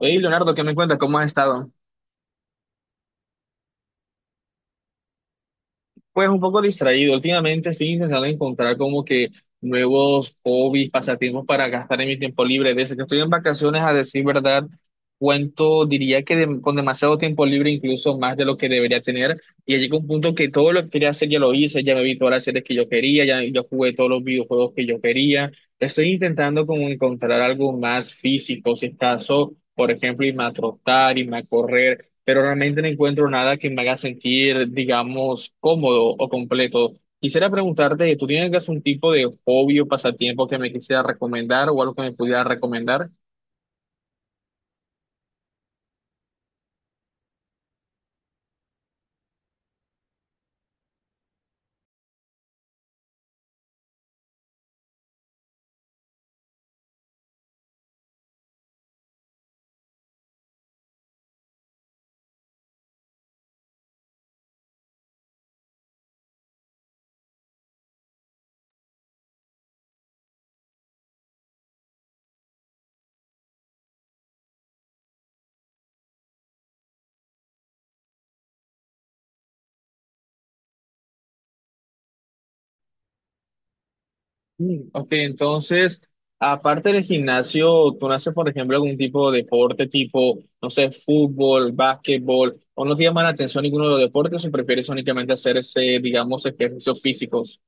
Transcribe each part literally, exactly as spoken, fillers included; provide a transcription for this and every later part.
Hey, Leonardo, ¿qué me cuentas? ¿Cómo has estado? Pues un poco distraído. Últimamente estoy intentando encontrar como que nuevos hobbies, pasatiempos para gastar en mi tiempo libre. Desde que estoy en vacaciones, a decir verdad, cuento, diría que de- con demasiado tiempo libre, incluso más de lo que debería tener. Y llegó un punto que todo lo que quería hacer ya lo hice, ya me vi todas las series que yo quería, ya yo jugué todos los videojuegos que yo quería. Estoy intentando como encontrar algo más físico, si es caso, por ejemplo, irme a trotar, irme a correr. Pero realmente no encuentro nada que me haga sentir, digamos, cómodo o completo. Quisiera preguntarte, ¿tú tienes algún tipo de hobby o pasatiempo que me quisiera recomendar o algo que me pudiera recomendar? Mm, ok, entonces, aparte del gimnasio, ¿tú no haces, por ejemplo, algún tipo de deporte tipo, no sé, fútbol, básquetbol, o no te llama la atención ninguno de los deportes o prefieres únicamente hacer ese, digamos, ejercicios físicos?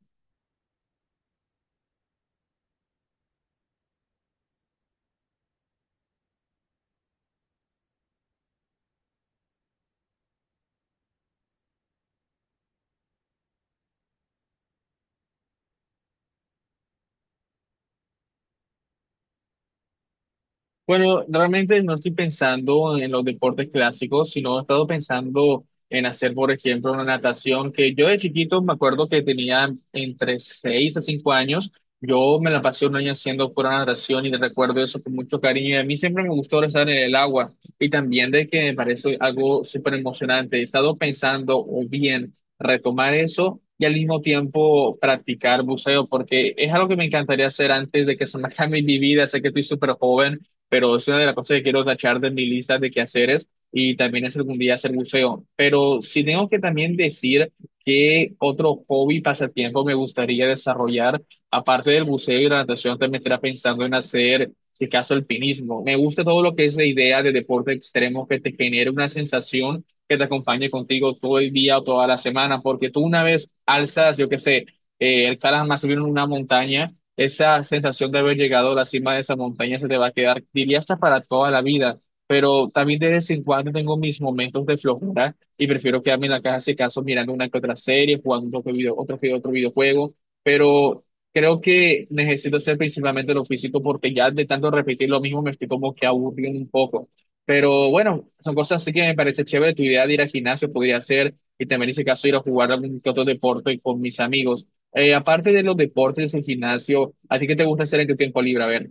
Bueno, realmente no estoy pensando en los deportes clásicos, sino he estado pensando en hacer, por ejemplo, una natación que yo de chiquito me acuerdo que tenía entre seis a cinco años. Yo me la pasé un año haciendo pura natación y te recuerdo eso con mucho cariño. Y a mí siempre me gustó estar en el agua y también de que me parece algo súper emocionante. He estado pensando o bien retomar eso y al mismo tiempo practicar buceo porque es algo que me encantaría hacer antes de que se me acabe mi vida. Sé que estoy súper joven, pero es una de las cosas que quiero tachar de mi lista de quehaceres y también es algún día hacer buceo. Pero sí tengo que también decir que otro hobby, pasatiempo me gustaría desarrollar, aparte del buceo y la natación, también estaría pensando en hacer, si acaso, alpinismo. Me gusta todo lo que es la idea de deporte extremo que te genere una sensación que te acompañe contigo todo el día o toda la semana, porque tú una vez alzas, yo qué sé, eh, escalas más bien una montaña. Esa sensación de haber llegado a la cima de esa montaña se te va a quedar, diría hasta para toda la vida. Pero también de vez en cuando tengo mis momentos de flojera y prefiero quedarme en la casa, si caso, mirando una que otra serie, jugando otro, video, otro, que otro videojuego. Pero creo que necesito hacer principalmente lo físico porque ya de tanto repetir lo mismo me estoy como que aburriendo un poco. Pero bueno, son cosas así que me parece chévere. Tu idea de ir al gimnasio podría ser, y también en ese caso ir a jugar algún que otro deporte con mis amigos. Eh, aparte de los deportes, el gimnasio, ¿a ti qué te gusta hacer en tu tiempo libre? A ver.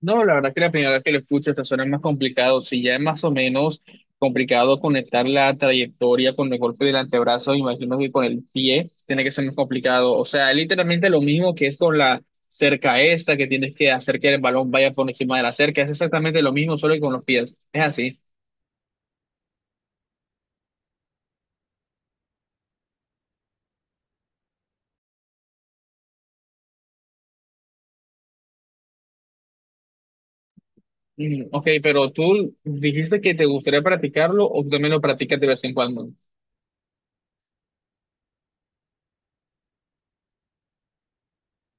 No, la verdad que la primera vez que lo escucho, esta suena más complicado. Si ya es más o menos complicado conectar la trayectoria con el golpe del antebrazo, imagino que con el pie tiene que ser más complicado. O sea, es literalmente lo mismo que es con la cerca esta, que tienes que hacer que el balón vaya por encima de la cerca. Es exactamente lo mismo, solo que con los pies. Es así. Mm, ok, pero tú dijiste que te gustaría practicarlo o tú también lo practicas de vez en cuando.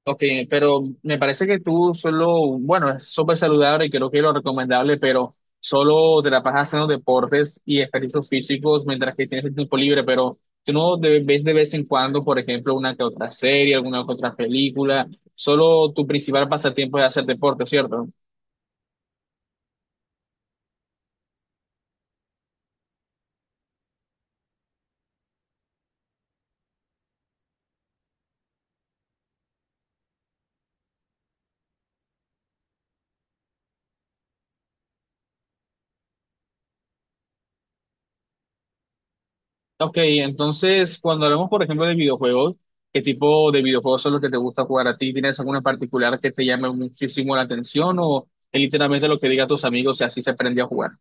Ok, pero me parece que tú solo, bueno, es súper saludable y creo que es lo recomendable, pero solo te la pasas haciendo deportes y ejercicios físicos mientras que tienes el tiempo libre, pero tú no de- ves de vez en cuando, por ejemplo, una que otra serie, alguna que otra película, solo tu principal pasatiempo es hacer deporte, ¿cierto? Ok, entonces cuando hablamos, por ejemplo, de videojuegos, ¿qué tipo de videojuegos son los que te gusta jugar a ti? ¿Tienes alguno en particular que te llame muchísimo la atención o es literalmente lo que diga tus amigos y así se aprende a jugar?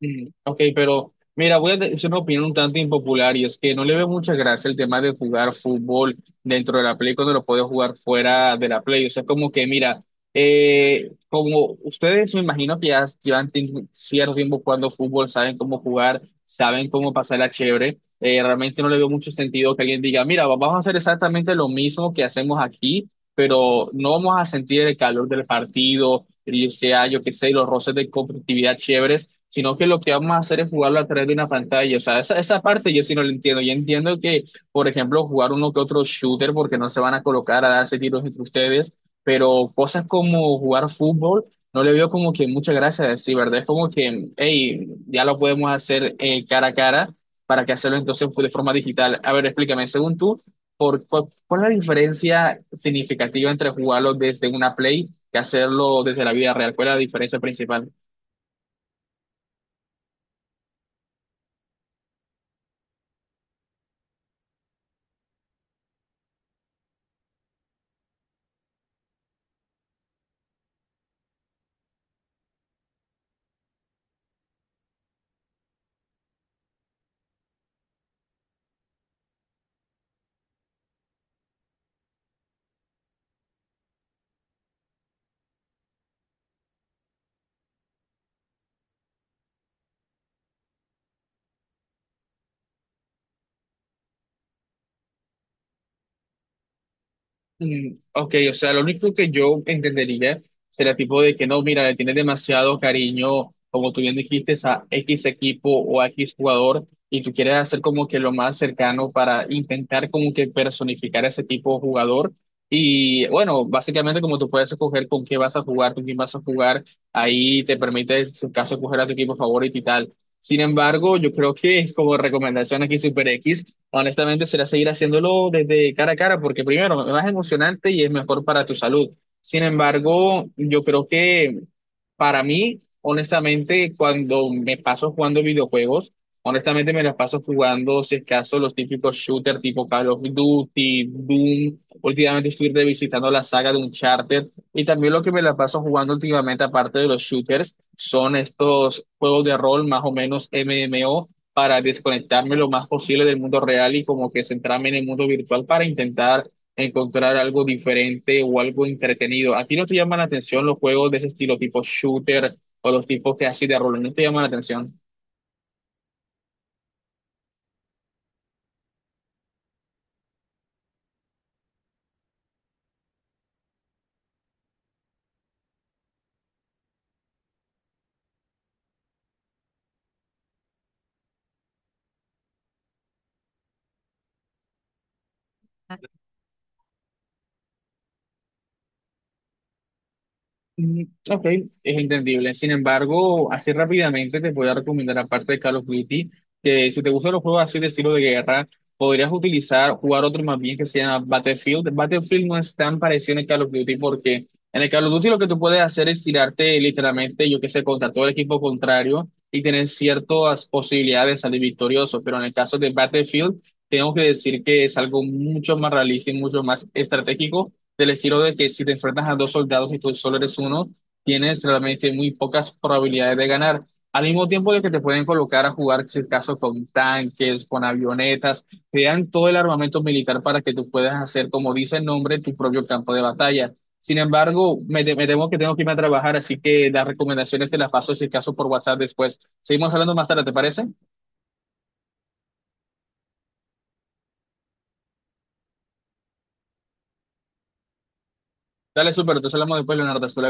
Mm, ok, pero mira, voy a decir una opinión un tanto impopular y es que no le veo mucha gracia el tema de jugar fútbol dentro de la Play cuando lo puedes jugar fuera de la Play. O sea, como que mira, eh, como ustedes me imagino que ya llevan tiemp- cierto tiempo jugando fútbol, saben cómo jugar, saben cómo pasarla chévere. Eh, realmente no le veo mucho sentido que alguien diga, mira, vamos a hacer exactamente lo mismo que hacemos aquí, pero no vamos a sentir el calor del partido, y sea, yo qué sé, los roces de competitividad chéveres, sino que lo que vamos a hacer es jugarlo a través de una pantalla. O sea, esa, esa parte yo sí no la entiendo. Yo entiendo que, por ejemplo, jugar uno que otro shooter, porque no se van a colocar a darse tiros entre ustedes, pero cosas como jugar fútbol. No le veo como que muchas gracias, sí, ¿verdad? Es como que, hey, ya lo podemos hacer eh, cara a cara, ¿para que hacerlo entonces de forma digital? A ver, explícame, según tú, ¿Cuál, cuál es la diferencia significativa entre jugarlo desde una Play que hacerlo desde la vida real? ¿Cuál es la diferencia principal? Mm, ok, o sea, lo único que yo entendería sería tipo de que no, mira, le tienes demasiado cariño, como tú bien dijiste, a X equipo o a X jugador, y tú quieres hacer como que lo más cercano para intentar como que personificar a ese tipo de jugador. Y bueno, básicamente como tú puedes escoger con qué vas a jugar, con quién vas a jugar, ahí te permite, en su caso, escoger a tu equipo favorito y tal. Sin embargo, yo creo que como recomendación aquí Super X, honestamente será seguir haciéndolo desde cara a cara, porque primero, es más emocionante y es mejor para tu salud. Sin embargo, yo creo que para mí, honestamente, cuando me paso jugando videojuegos, honestamente me las paso jugando, si es caso, los típicos shooters tipo Call of Duty, Doom. Últimamente estoy revisitando la saga de Uncharted y también lo que me la paso jugando últimamente, aparte de los shooters, son estos juegos de rol más o menos M M O para desconectarme lo más posible del mundo real y como que centrarme en el mundo virtual para intentar encontrar algo diferente o algo entretenido. ¿A ti no te llaman la atención los juegos de ese estilo tipo shooter o los tipos que así de rol? ¿No te llaman la atención? Mm, ok, es entendible. Sin embargo, así rápidamente te voy a recomendar, aparte de Call of Duty, que si te gustan los juegos así de estilo de guerra, podrías utilizar, jugar otro más bien que se llama Battlefield. Battlefield no es tan parecido en el Call of Duty porque en el Call of Duty lo que tú puedes hacer es tirarte literalmente, yo qué sé, contra todo el equipo contrario y tener ciertas posibilidades de salir victorioso. Pero en el caso de Battlefield, tengo que decir que es algo mucho más realista y mucho más estratégico del estilo de que si te enfrentas a dos soldados y tú solo eres uno, tienes realmente muy pocas probabilidades de ganar. Al mismo tiempo de que te pueden colocar a jugar, si es caso, con tanques, con avionetas, te dan todo el armamento militar para que tú puedas hacer, como dice el nombre, tu propio campo de batalla. Sin embargo, me, te- me temo que tengo que irme a trabajar, así que las recomendaciones te las paso, si es caso, por WhatsApp después. Seguimos hablando más tarde, ¿te parece? Dale, súper, entonces hablamos después, Leonardo, hasta luego.